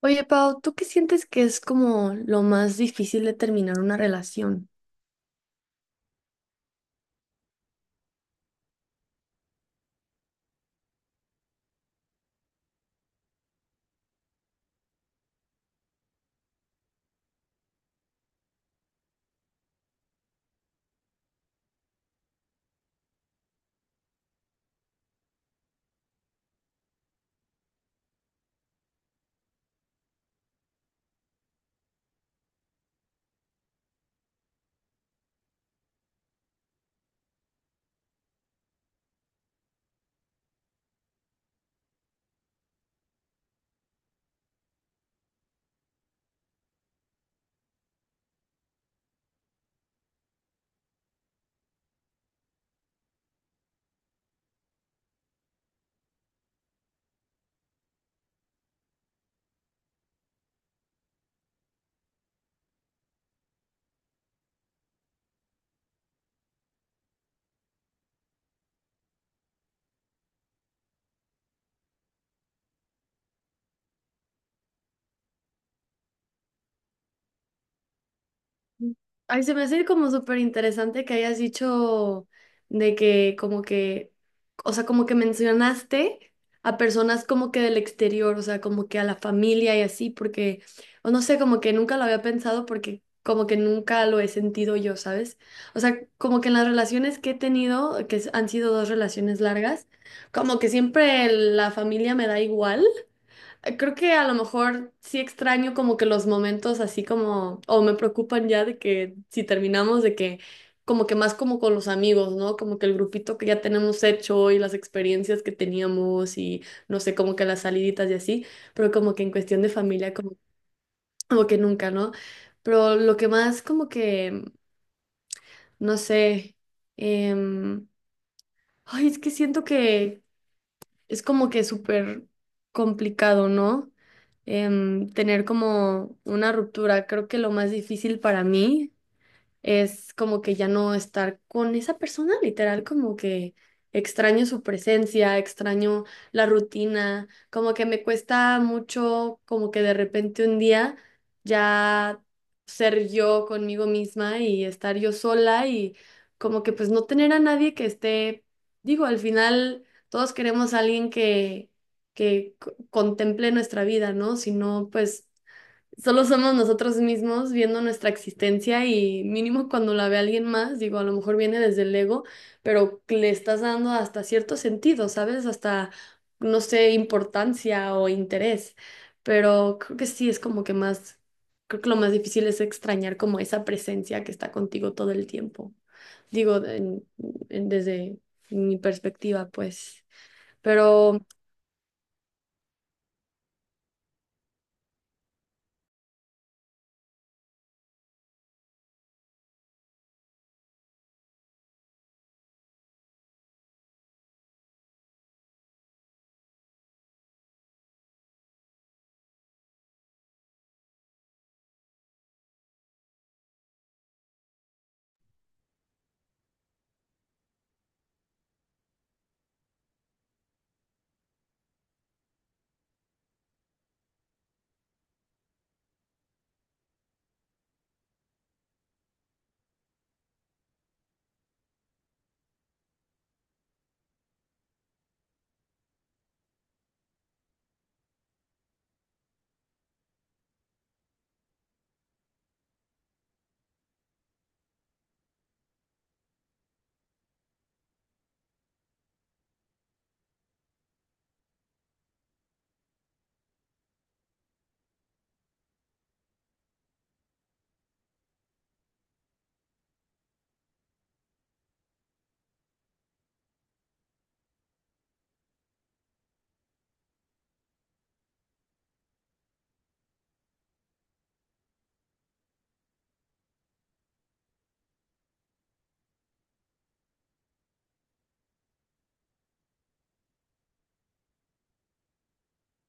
Oye, Pau, ¿tú qué sientes que es como lo más difícil de terminar una relación? Ay, se me hace como súper interesante que hayas dicho de que como que, o sea, como que mencionaste a personas como que del exterior, o sea, como que a la familia y así, porque, o no sé, como que nunca lo había pensado porque como que nunca lo he sentido yo, ¿sabes? O sea, como que en las relaciones que he tenido, que han sido dos relaciones largas, como que siempre la familia me da igual. Creo que a lo mejor sí extraño como que los momentos así como, o me preocupan ya de que si terminamos de que como que más como con los amigos, ¿no? Como que el grupito que ya tenemos hecho y las experiencias que teníamos y no sé, como que las saliditas y así, pero como que en cuestión de familia como, como que nunca, ¿no? Pero lo que más como que, no sé, em, ay, es que siento que es como que súper complicado, ¿no? Tener como una ruptura. Creo que lo más difícil para mí es como que ya no estar con esa persona, literal, como que extraño su presencia, extraño la rutina, como que me cuesta mucho, como que de repente un día ya ser yo conmigo misma y estar yo sola y como que pues no tener a nadie que esté, digo, al final todos queremos a alguien que contemple nuestra vida, ¿no? Si no, pues... Solo somos nosotros mismos viendo nuestra existencia y mínimo cuando la ve alguien más, digo, a lo mejor viene desde el ego, pero que le estás dando hasta cierto sentido, ¿sabes? Hasta, no sé, importancia o interés. Pero creo que sí es como que más, creo que lo más difícil es extrañar como esa presencia que está contigo todo el tiempo. Digo, desde mi perspectiva, pues. Pero...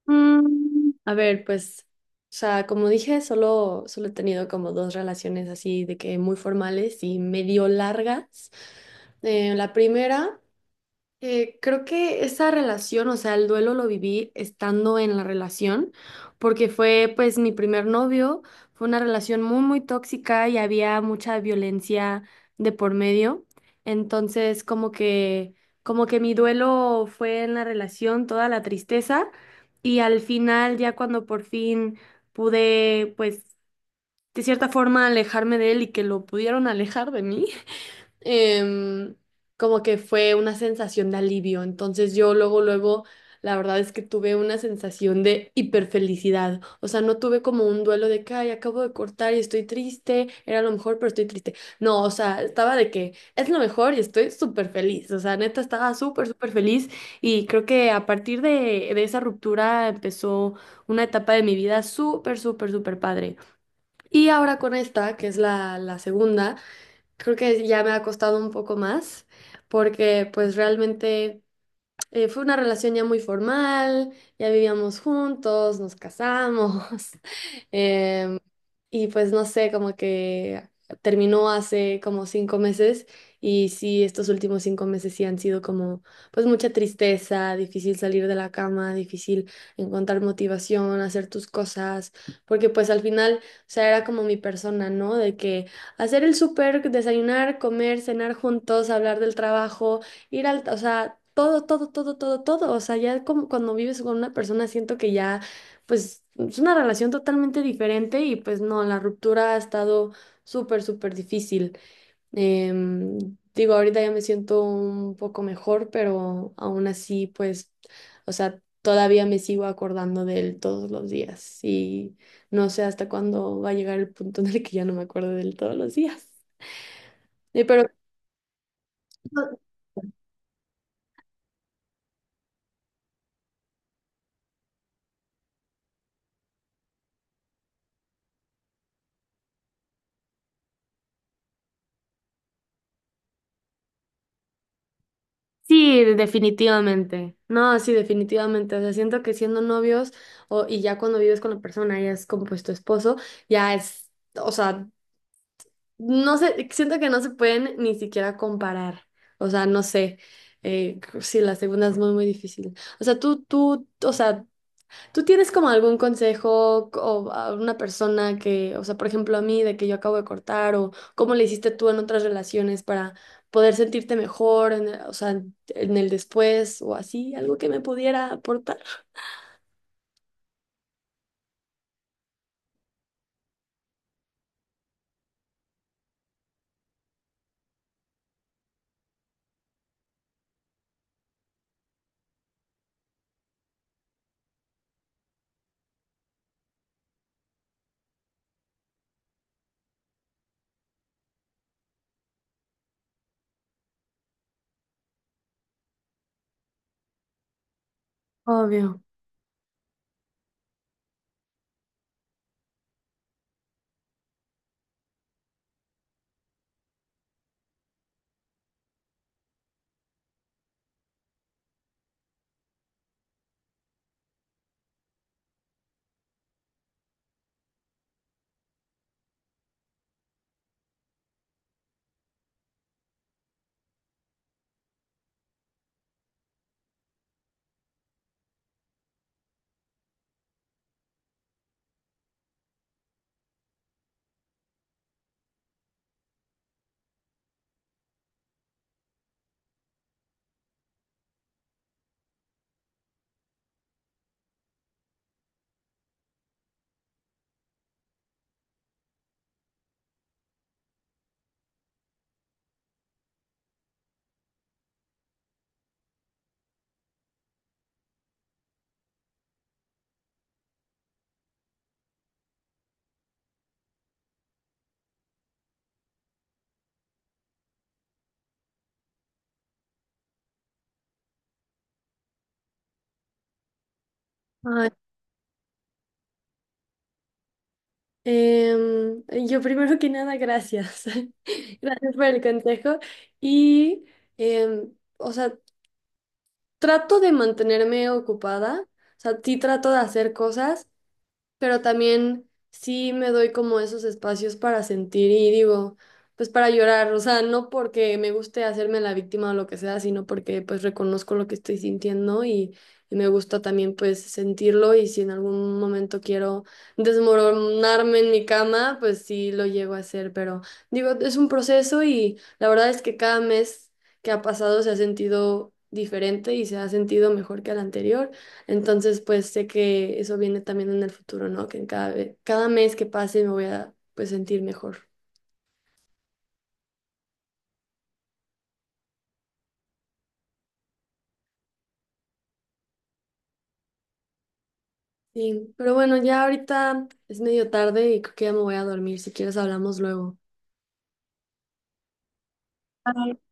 Mm, a ver, pues, o sea, como dije, solo he tenido como dos relaciones así de que muy formales y medio largas. La primera creo que esa relación, o sea, el duelo lo viví estando en la relación, porque fue pues mi primer novio, fue una relación muy, muy tóxica y había mucha violencia de por medio. Entonces, como que mi duelo fue en la relación, toda la tristeza, y al final, ya cuando por fin pude, pues, de cierta forma alejarme de él y que lo pudieron alejar de mí em, como que fue una sensación de alivio. Entonces yo luego, la verdad es que tuve una sensación de hiperfelicidad. O sea, no tuve como un duelo de que, ay, acabo de cortar y estoy triste, era lo mejor, pero estoy triste. No, o sea, estaba de que es lo mejor y estoy súper feliz. O sea, neta, estaba súper feliz y creo que a partir de esa ruptura empezó una etapa de mi vida súper padre. Y ahora con esta, que es la segunda creo que ya me ha costado un poco más porque pues realmente... fue una relación ya muy formal, ya vivíamos juntos, nos casamos, em, y pues no sé, como que terminó hace como cinco meses y sí, estos últimos cinco meses sí han sido como pues mucha tristeza, difícil salir de la cama, difícil encontrar motivación, hacer tus cosas, porque pues al final, o sea, era como mi persona, ¿no? De que hacer el súper, desayunar, comer, cenar juntos, hablar del trabajo ir al, o sea, todo. O sea, ya como cuando vives con una persona siento que ya, pues, es una relación totalmente diferente y pues no, la ruptura ha estado súper difícil. Em, Digo, ahorita ya me siento un poco mejor, pero aún así, pues, o sea, todavía me sigo acordando de él todos los días y no sé hasta cuándo va a llegar el punto en el que ya no me acuerdo de él todos los días. Pero no, sí, definitivamente. No, sí, definitivamente. O sea, siento que siendo novios o, y ya cuando vives con la persona, ya es como pues tu esposo, ya es, o sea, no sé, siento que no se pueden ni siquiera comparar. O sea, no sé, sí, la segunda es muy, muy difícil. O sea, o sea, ¿tú tienes como algún consejo o a una persona que, o sea, por ejemplo, a mí, de que yo acabo de cortar o cómo le hiciste tú en otras relaciones para poder sentirte mejor, en o sea, en el después o así, algo que me pudiera aportar? Obvio. Ay, em, yo primero que nada, gracias. Gracias por el consejo. Y, em, o sea, trato de mantenerme ocupada, o sea, sí trato de hacer cosas. Pero también sí me doy como esos espacios para sentir y digo, pues para llorar, o sea, no porque me guste hacerme la víctima o lo que sea, sino porque pues reconozco lo que estoy sintiendo y me gusta también pues sentirlo y si en algún momento quiero desmoronarme en mi cama, pues sí lo llego a hacer, pero digo, es un proceso y la verdad es que cada mes que ha pasado se ha sentido diferente y se ha sentido mejor que al anterior. Entonces, pues sé que eso viene también en el futuro, ¿no? Que en cada, cada mes que pase me voy a pues sentir mejor. Sí, pero bueno, ya ahorita es medio tarde y creo que ya me voy a dormir. Si quieres, hablamos luego. Bye.